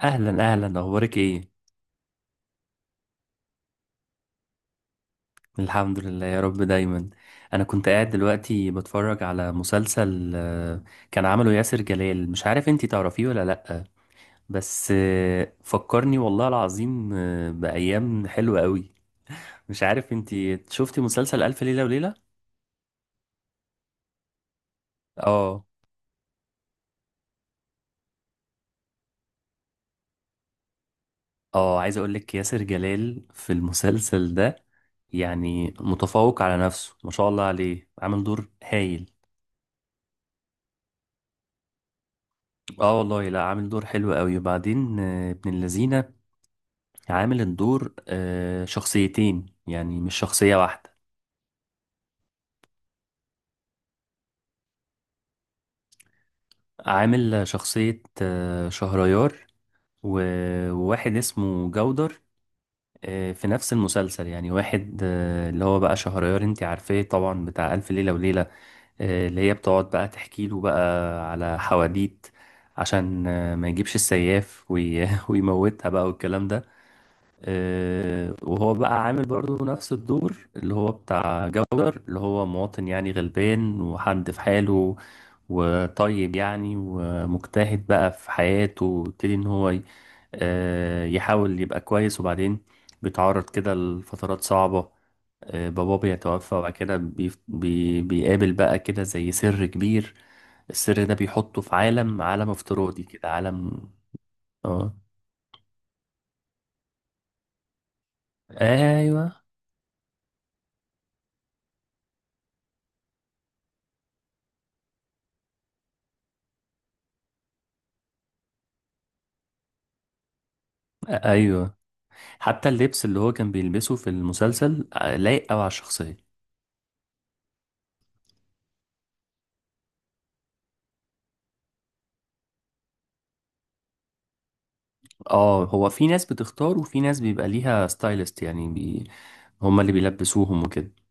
اهلا اهلا، اخبارك ايه؟ الحمد لله يا رب دايما. انا كنت قاعد دلوقتي بتفرج على مسلسل، كان عمله ياسر جلال. مش عارف انتي تعرفيه ولا لأ. بس فكرني والله العظيم بأيام حلوة قوي. مش عارف انتي شفتي مسلسل ألف ليلة وليلة؟ اه. اه عايز اقولك ياسر جلال في المسلسل ده يعني متفوق على نفسه، ما شاء الله عليه، عامل دور هايل. اه والله، لا عامل دور حلو قوي. وبعدين ابن اللذينه عامل الدور شخصيتين يعني، مش شخصية واحدة. عامل شخصية شهريار و- وواحد اسمه جودر، في نفس المسلسل. يعني واحد اللي هو بقى شهريار، انت عارفاه طبعا، بتاع ألف ليلة وليلة. اللي هي بتقعد بقى تحكي له بقى على حواديت عشان ما يجيبش السياف ويموتها بقى والكلام ده. وهو بقى عامل برضو نفس الدور اللي هو بتاع جودر، اللي هو مواطن يعني غلبان وحد في حاله وطيب يعني ومجتهد بقى في حياته. ويبتدي ان هو يحاول يبقى كويس، وبعدين بيتعرض كده لفترات صعبة. باباه بيتوفى، وبعد كده بي بي بيقابل بقى كده زي سر كبير. السر ده بيحطه في عالم افتراضي كده، عالم. اه، ايوه ايوه. حتى اللبس اللي هو كان بيلبسه في المسلسل لايق قوي على الشخصية. اه، هو في ناس بتختار وفي ناس بيبقى ليها ستايلست، يعني هما اللي بيلبسوهم وكده.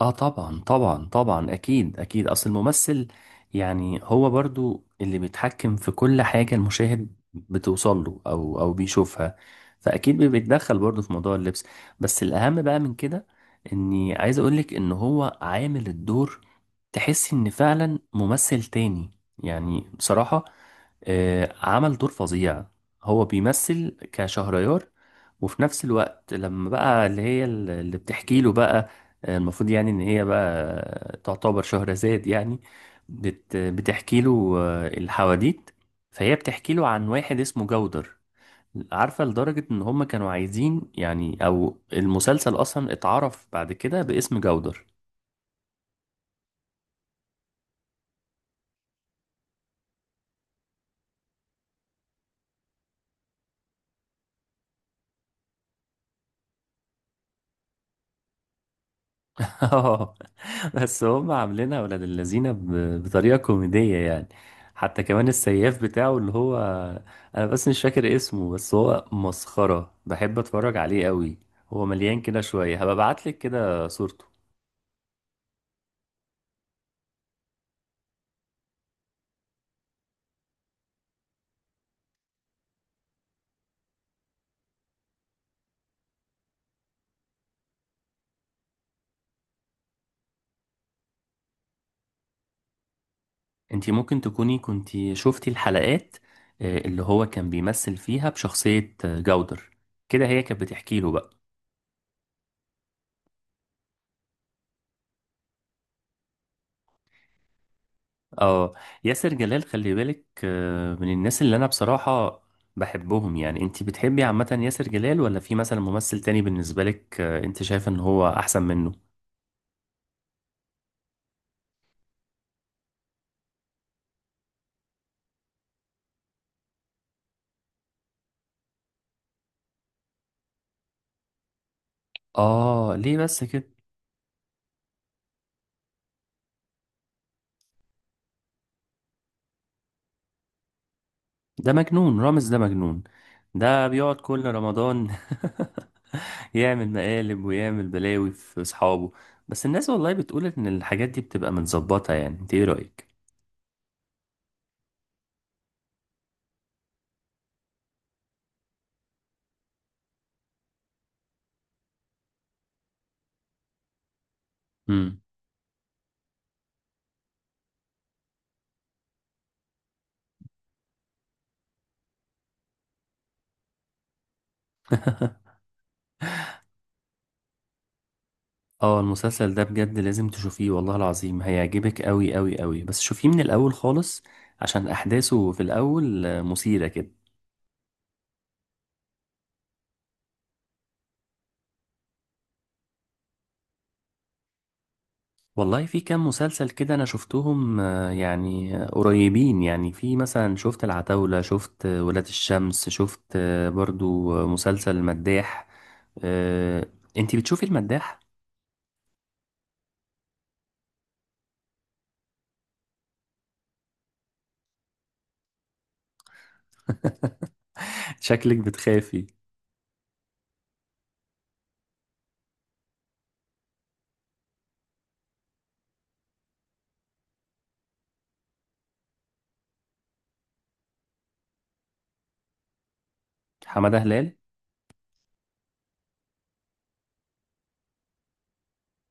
اه طبعا طبعا طبعا، اكيد اكيد، اصل الممثل يعني هو برضو اللي بيتحكم في كل حاجة المشاهد بتوصل له، او او بيشوفها. فاكيد بيتدخل برضو في موضوع اللبس. بس الاهم بقى من كده، اني عايز اقولك ان هو عامل الدور، تحس ان فعلا ممثل تاني يعني، بصراحة. عمل دور فظيع. هو بيمثل كشهريار، وفي نفس الوقت لما بقى اللي هي اللي بتحكي له بقى، المفروض يعني ان هي بقى تعتبر شهرزاد يعني. بتحكي له الحواديت. فهي بتحكي له عن واحد اسمه جودر. عارفة، لدرجة ان هم كانوا عايزين يعني، او المسلسل اصلا اتعرف بعد كده باسم جودر. اه. بس هم عاملينها ولاد اللذينه بطريقه كوميديه يعني. حتى كمان السياف بتاعه اللي هو، انا بس مش فاكر اسمه، بس هو مسخره، بحب اتفرج عليه قوي. هو مليان كده شويه. هبقى ابعتلك كده صورته. انتي ممكن تكوني كنتي شفتي الحلقات اللي هو كان بيمثل فيها بشخصيه جودر. كده هي كانت بتحكي له بقى. اه. ياسر جلال خلي بالك، من الناس اللي انا بصراحة بحبهم يعني. انت بتحبي عامة ياسر جلال، ولا في مثلا ممثل تاني بالنسبة لك انت شايفه ان هو احسن منه؟ اه ليه بس كده؟ ده مجنون، رامز ده مجنون. ده بيقعد كل رمضان يعمل مقالب ويعمل بلاوي في اصحابه. بس الناس والله بتقول ان الحاجات دي بتبقى متظبطة. يعني انت ايه رأيك؟ اه، المسلسل ده بجد لازم تشوفيه، والله العظيم هيعجبك قوي قوي قوي. بس شوفيه من الاول خالص، عشان احداثه في الاول مثيرة كده. والله في كام مسلسل كده انا شفتهم، يعني قريبين يعني، في مثلا شفت العتاولة، شفت ولاد الشمس، شفت برضو مسلسل المداح. آه، انتي بتشوفي المداح؟ شكلك بتخافي. حمادة هلال.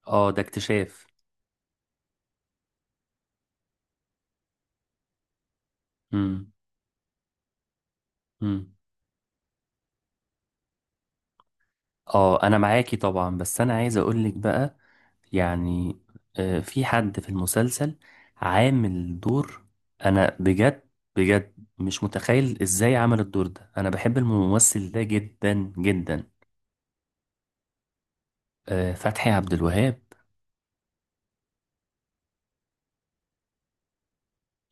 اه ده اكتشاف. امم امم اه انا معاكي طبعا. بس انا عايز اقولك بقى يعني، في حد في المسلسل عامل دور، انا بجد بجد مش متخيل ازاي عمل الدور ده. انا بحب الممثل ده جدا جدا. فتحي عبد الوهاب.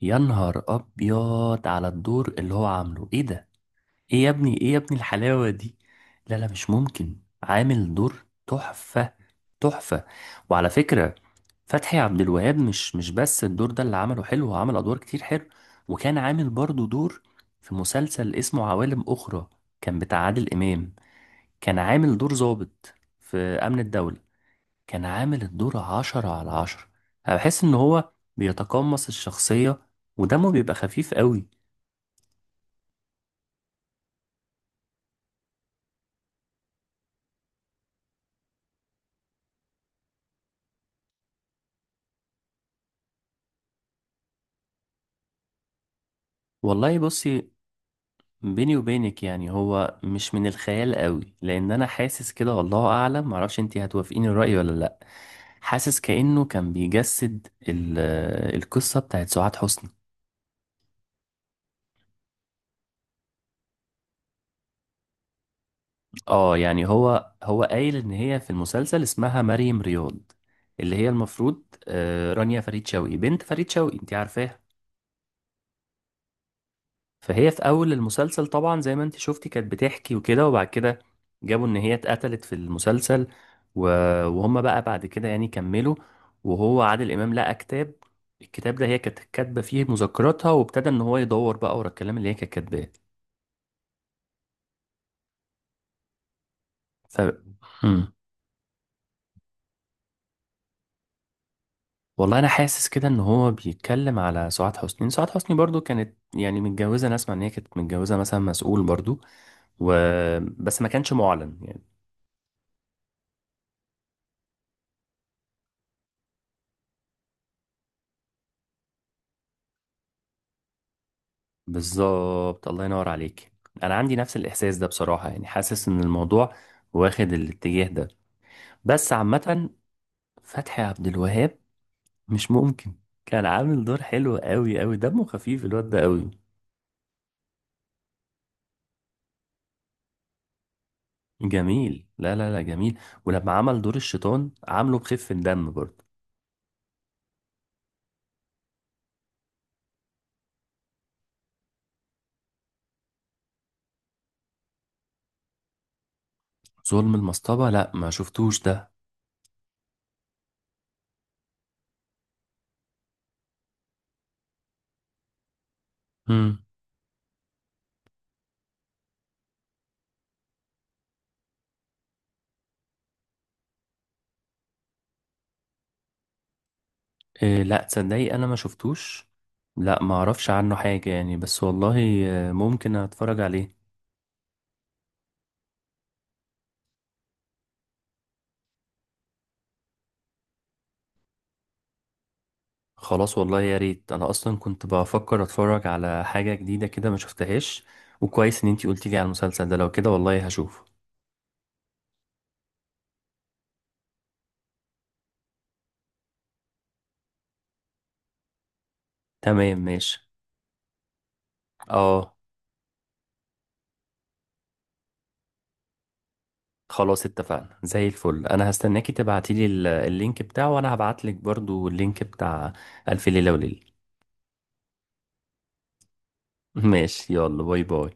يا نهار ابيض على الدور اللي هو عامله، ايه ده! ايه يا ابني، ايه يا ابني الحلاوة دي! لا لا، مش ممكن، عامل دور تحفة، تحفة. وعلى فكرة، فتحي عبد الوهاب مش بس الدور ده اللي عمله حلو، هو عمل ادوار كتير حلو. وكان عامل برضو دور في مسلسل اسمه عوالم اخرى، كان بتاع عادل امام. كان عامل دور ضابط في امن الدولة. كان عامل الدور عشرة على عشرة. انا بحس ان هو بيتقمص الشخصية، ودمه بيبقى خفيف قوي. والله بصي، بيني وبينك يعني، هو مش من الخيال قوي، لان انا حاسس كده، والله اعلم، معرفش انتي هتوافقيني الرأي ولا لا. حاسس كأنه كان بيجسد القصة بتاعت سعاد حسني. اه يعني، هو قايل ان هي في المسلسل اسمها مريم رياض، اللي هي المفروض رانيا فريد شوقي، بنت فريد شوقي، انت عارفاها. فهي في اول المسلسل طبعا زي ما انت شفتي كانت بتحكي وكده. وبعد كده جابوا ان هي اتقتلت في المسلسل. و- وهم بقى بعد كده يعني كملوا. وهو عادل امام لقى كتاب، الكتاب ده هي كانت كاتبه فيه مذكراتها. وابتدى ان هو يدور بقى ورا الكلام اللي هي كانت كاتباه. طب، مم. والله انا حاسس كده ان هو بيتكلم على سعاد حسني. سعاد حسني برضو كانت يعني متجوزه. انا اسمع ان هي كانت متجوزه مثلا مسؤول برضو، و... بس ما كانش معلن يعني. بالظبط، الله ينور عليك. انا عندي نفس الاحساس ده بصراحه، يعني حاسس ان الموضوع واخد الاتجاه ده. بس عامه، فتحي عبد الوهاب مش ممكن، كان عامل دور حلو قوي قوي. دمه خفيف الواد ده قوي. جميل، لا لا لا، جميل. ولما عمل دور الشيطان، عامله بخفة دم برضه. ظلم المصطبة، لا ما شفتوش ده. امم إيه، لا تصدقي، انا ما شفتوش. لا، ما اعرفش عنه حاجة يعني. بس والله ممكن اتفرج عليه. خلاص، والله يا ريت، انا اصلا كنت بفكر اتفرج على حاجة جديدة كده ما شفتهاش. وكويس ان انتي قلتي لي على المسلسل ده. لو كده، والله هشوفه. تمام ماشي. اه. خلاص اتفقنا زي الفل. انا هستناكي تبعتي لي اللينك بتاعه، وانا هبعت لك برضو اللينك بتاع الف ليلة وليلة. ماشي، يلا باي باي.